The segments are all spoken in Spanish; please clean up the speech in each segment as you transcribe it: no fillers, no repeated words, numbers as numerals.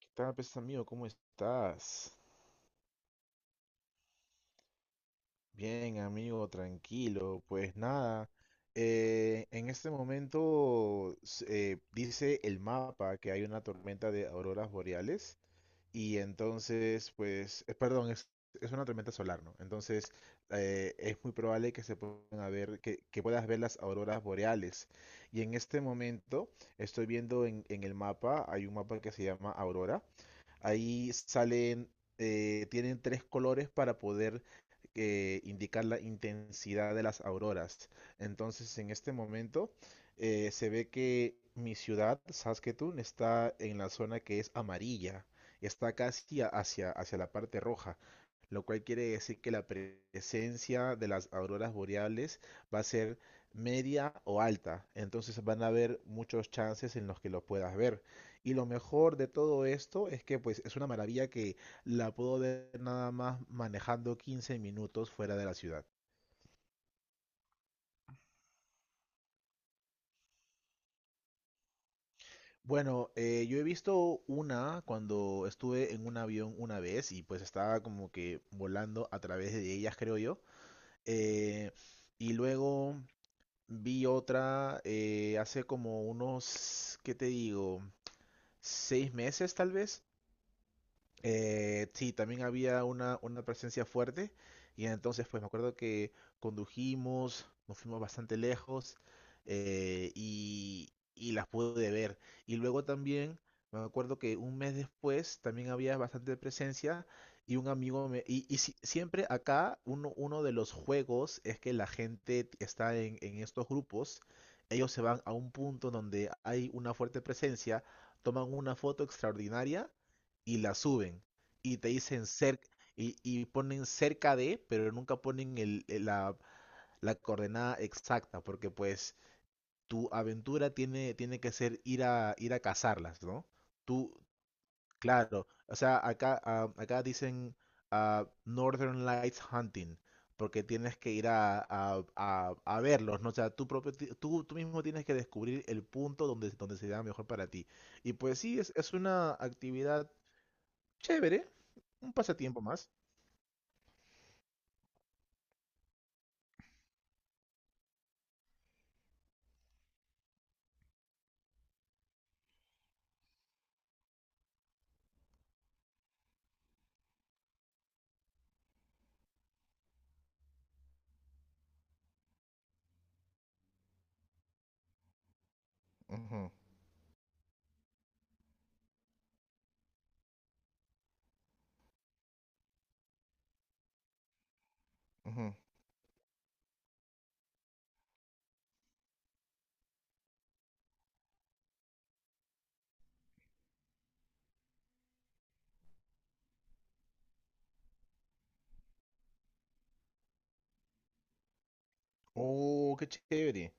¿Qué tal, pues amigo? ¿Cómo estás? Bien, amigo, tranquilo. Pues nada, en este momento dice el mapa que hay una tormenta de auroras boreales y entonces, pues, perdón, es una tormenta solar, ¿no? Entonces, es muy probable que se puedan a ver, que puedas ver las auroras boreales. Y en este momento estoy viendo en el mapa, hay un mapa que se llama Aurora. Ahí salen, tienen tres colores para poder indicar la intensidad de las auroras. Entonces, en este momento se ve que mi ciudad, Saskatoon, está en la zona que es amarilla. Está hacia, hacia la parte roja, lo cual quiere decir que la presencia de las auroras boreales va a ser media o alta. Entonces van a haber muchos chances en los que lo puedas ver. Y lo mejor de todo esto es que pues es una maravilla que la puedo ver nada más manejando 15 minutos fuera de la ciudad. Bueno, yo he visto una cuando estuve en un avión una vez y pues estaba como que volando a través de ellas, creo yo. Eh, y luego vi otra hace como unos, ¿qué te digo? Seis meses tal vez. Sí, también había una presencia fuerte y entonces pues me acuerdo que condujimos, nos fuimos bastante lejos eh, y, y las pude ver. Y luego también me acuerdo que un mes después también había bastante presencia y un amigo me... y siempre acá uno de los juegos es que la gente está en estos grupos, ellos se van a un punto donde hay una fuerte presencia, toman una foto extraordinaria y la suben y te dicen cerca y ponen cerca de, pero nunca ponen la coordenada exacta, porque pues tu aventura tiene, tiene que ser ir ir a cazarlas, ¿no? Tú, claro, o sea, acá, acá dicen Northern Lights Hunting, porque tienes que ir a verlos, ¿no? O sea, tú, propio, tú mismo tienes que descubrir el punto donde, donde se da mejor para ti. Y pues sí, es una actividad chévere, un pasatiempo más. Ujú, ujú. Oh, qué chévere.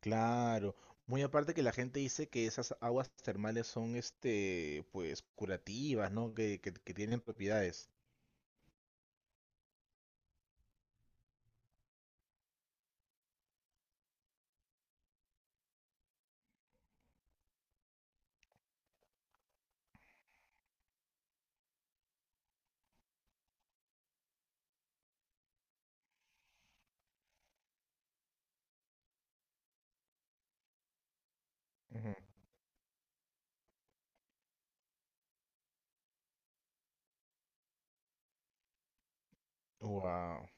Claro. Muy aparte que la gente dice que esas aguas termales son, este, pues, curativas, ¿no? Que tienen propiedades. Ujú. Wow.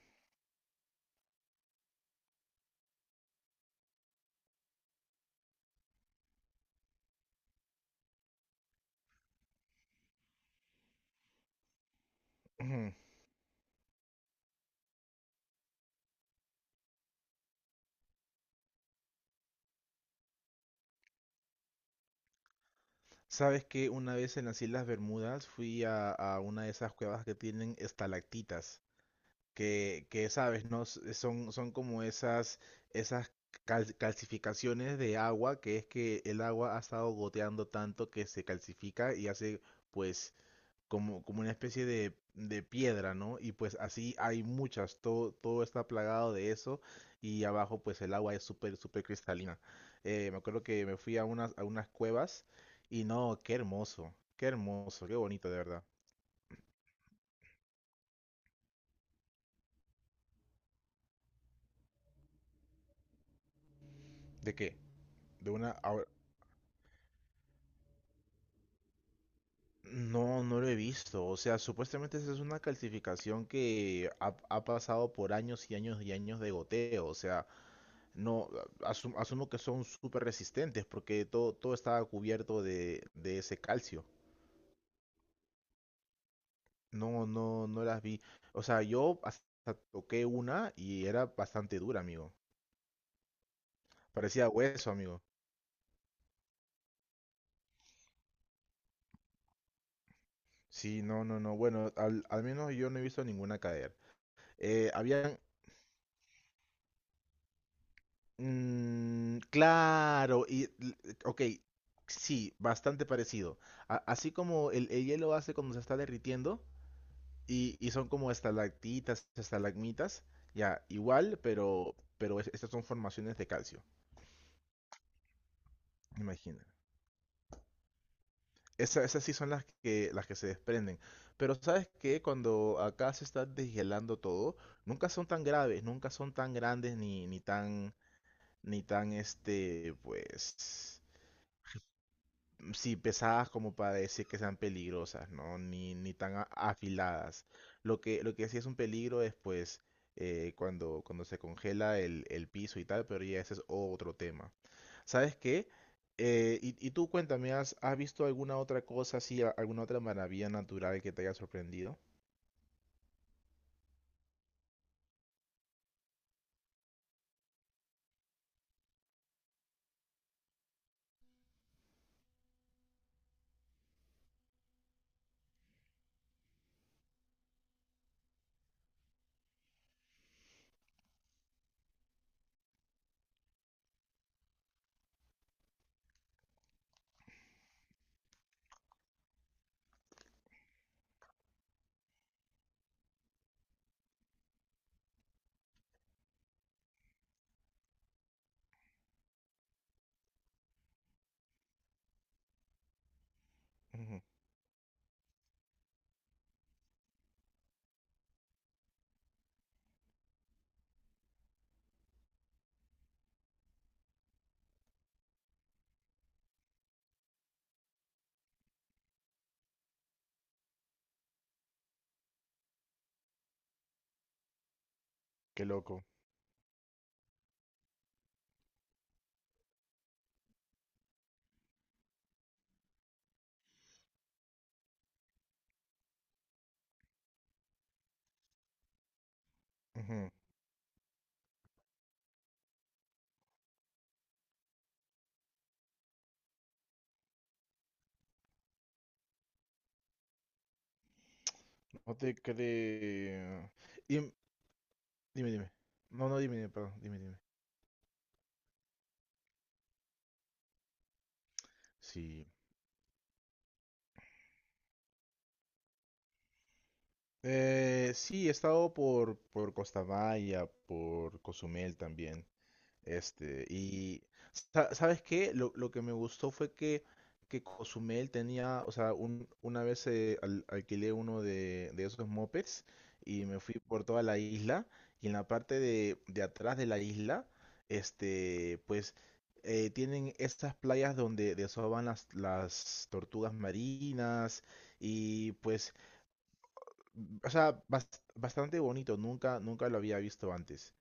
Ujú. ¿Sabes que una vez en las Islas Bermudas fui a una de esas cuevas que tienen estalactitas, que sabes, ¿no? Son, son como esas, esas calcificaciones de agua, que es que el agua ha estado goteando tanto que se calcifica y hace pues como, como una especie de piedra, ¿no? Y pues así hay muchas, todo, todo está plagado de eso y abajo pues el agua es súper, súper cristalina. Me acuerdo que me fui a unas cuevas y no, qué hermoso, qué hermoso, qué bonito de verdad. ¿De qué? De una. No, no lo he visto. O sea, supuestamente esa es una calcificación que ha, ha pasado por años y años y años de goteo. O sea, no asumo que son súper resistentes porque todo, todo estaba cubierto de ese calcio. No, no, no las vi. O sea, yo hasta toqué una y era bastante dura, amigo. Parecía hueso, amigo. Sí, no, no, no. Bueno, al menos yo no he visto ninguna caer. Eh, habían, Mm, claro, ok, sí, bastante parecido. A- así como el hielo hace cuando se está derritiendo y son como estalactitas, estalagmitas, ya, igual, pero estas son formaciones de calcio, imagina. Esas sí son las que se desprenden. Pero sabes que cuando acá se está deshielando todo, nunca son tan graves, nunca son tan grandes ni, ni tan, ni tan, este, pues... sí, pesadas como para decir que sean peligrosas, ¿no? Ni, ni tan afiladas. Lo que sí es un peligro es pues cuando se congela el piso y tal, pero ya ese es otro tema. ¿Sabes qué? Y tú cuéntame, ¿has, has visto alguna otra cosa así, alguna otra maravilla natural que te haya sorprendido? Ujú, qué loco. Ujú. No te creo. Dime, dime, dime. No, no, dime, dime, perdón, dime, dime. Sí. Sí, he estado por Costa Maya, por Cozumel también. Este, y ¿sabes qué? Lo que me gustó fue que Cozumel tenía, o sea, una vez alquilé uno de esos mopeds y me fui por toda la isla y en la parte de atrás de la isla, este, pues tienen estas playas donde desovan las tortugas marinas y pues o sea, bastante bonito, nunca, nunca lo había visto antes.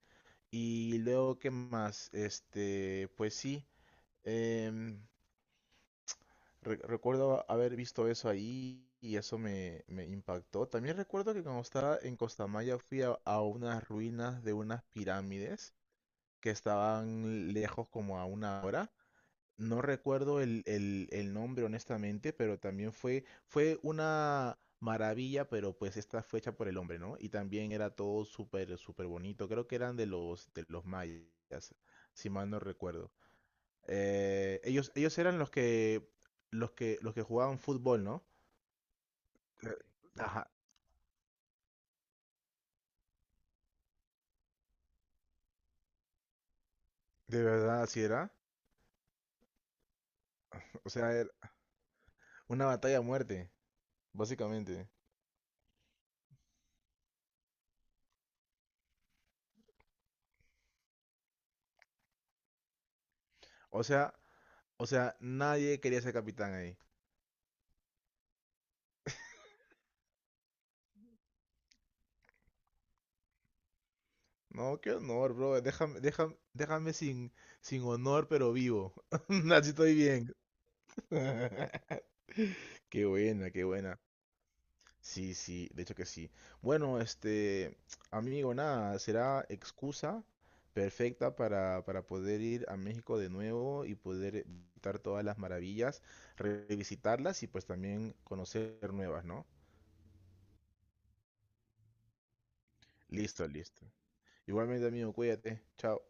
Y luego, ¿qué más? Este, pues sí, em, recuerdo haber visto eso ahí y eso me, me impactó. También recuerdo que cuando estaba en Costa Maya fui a unas ruinas de unas pirámides que estaban lejos como a una hora. No recuerdo el nombre honestamente, pero también fue, fue una maravilla, pero pues esta fue hecha por el hombre, ¿no? Y también era todo súper, súper bonito. Creo que eran de los mayas, si mal no recuerdo. Ellos eran los que, los que jugaban fútbol, ¿no? Eh, Ajá, de verdad, así era. O sea, era una batalla a muerte, básicamente. O sea, o sea, nadie quería ser capitán ahí. No, qué honor, bro. Déjame, déjame, déjame sin, sin honor, pero vivo. Así estoy bien. Qué buena, qué buena. Sí, sí, de hecho que sí. Bueno, este, amigo, nada, será excusa perfecta para poder ir a México de nuevo y poder visitar todas las maravillas, revisitarlas y pues también conocer nuevas, ¿no? Listo, listo. Igualmente, amigo, cuídate. Chao.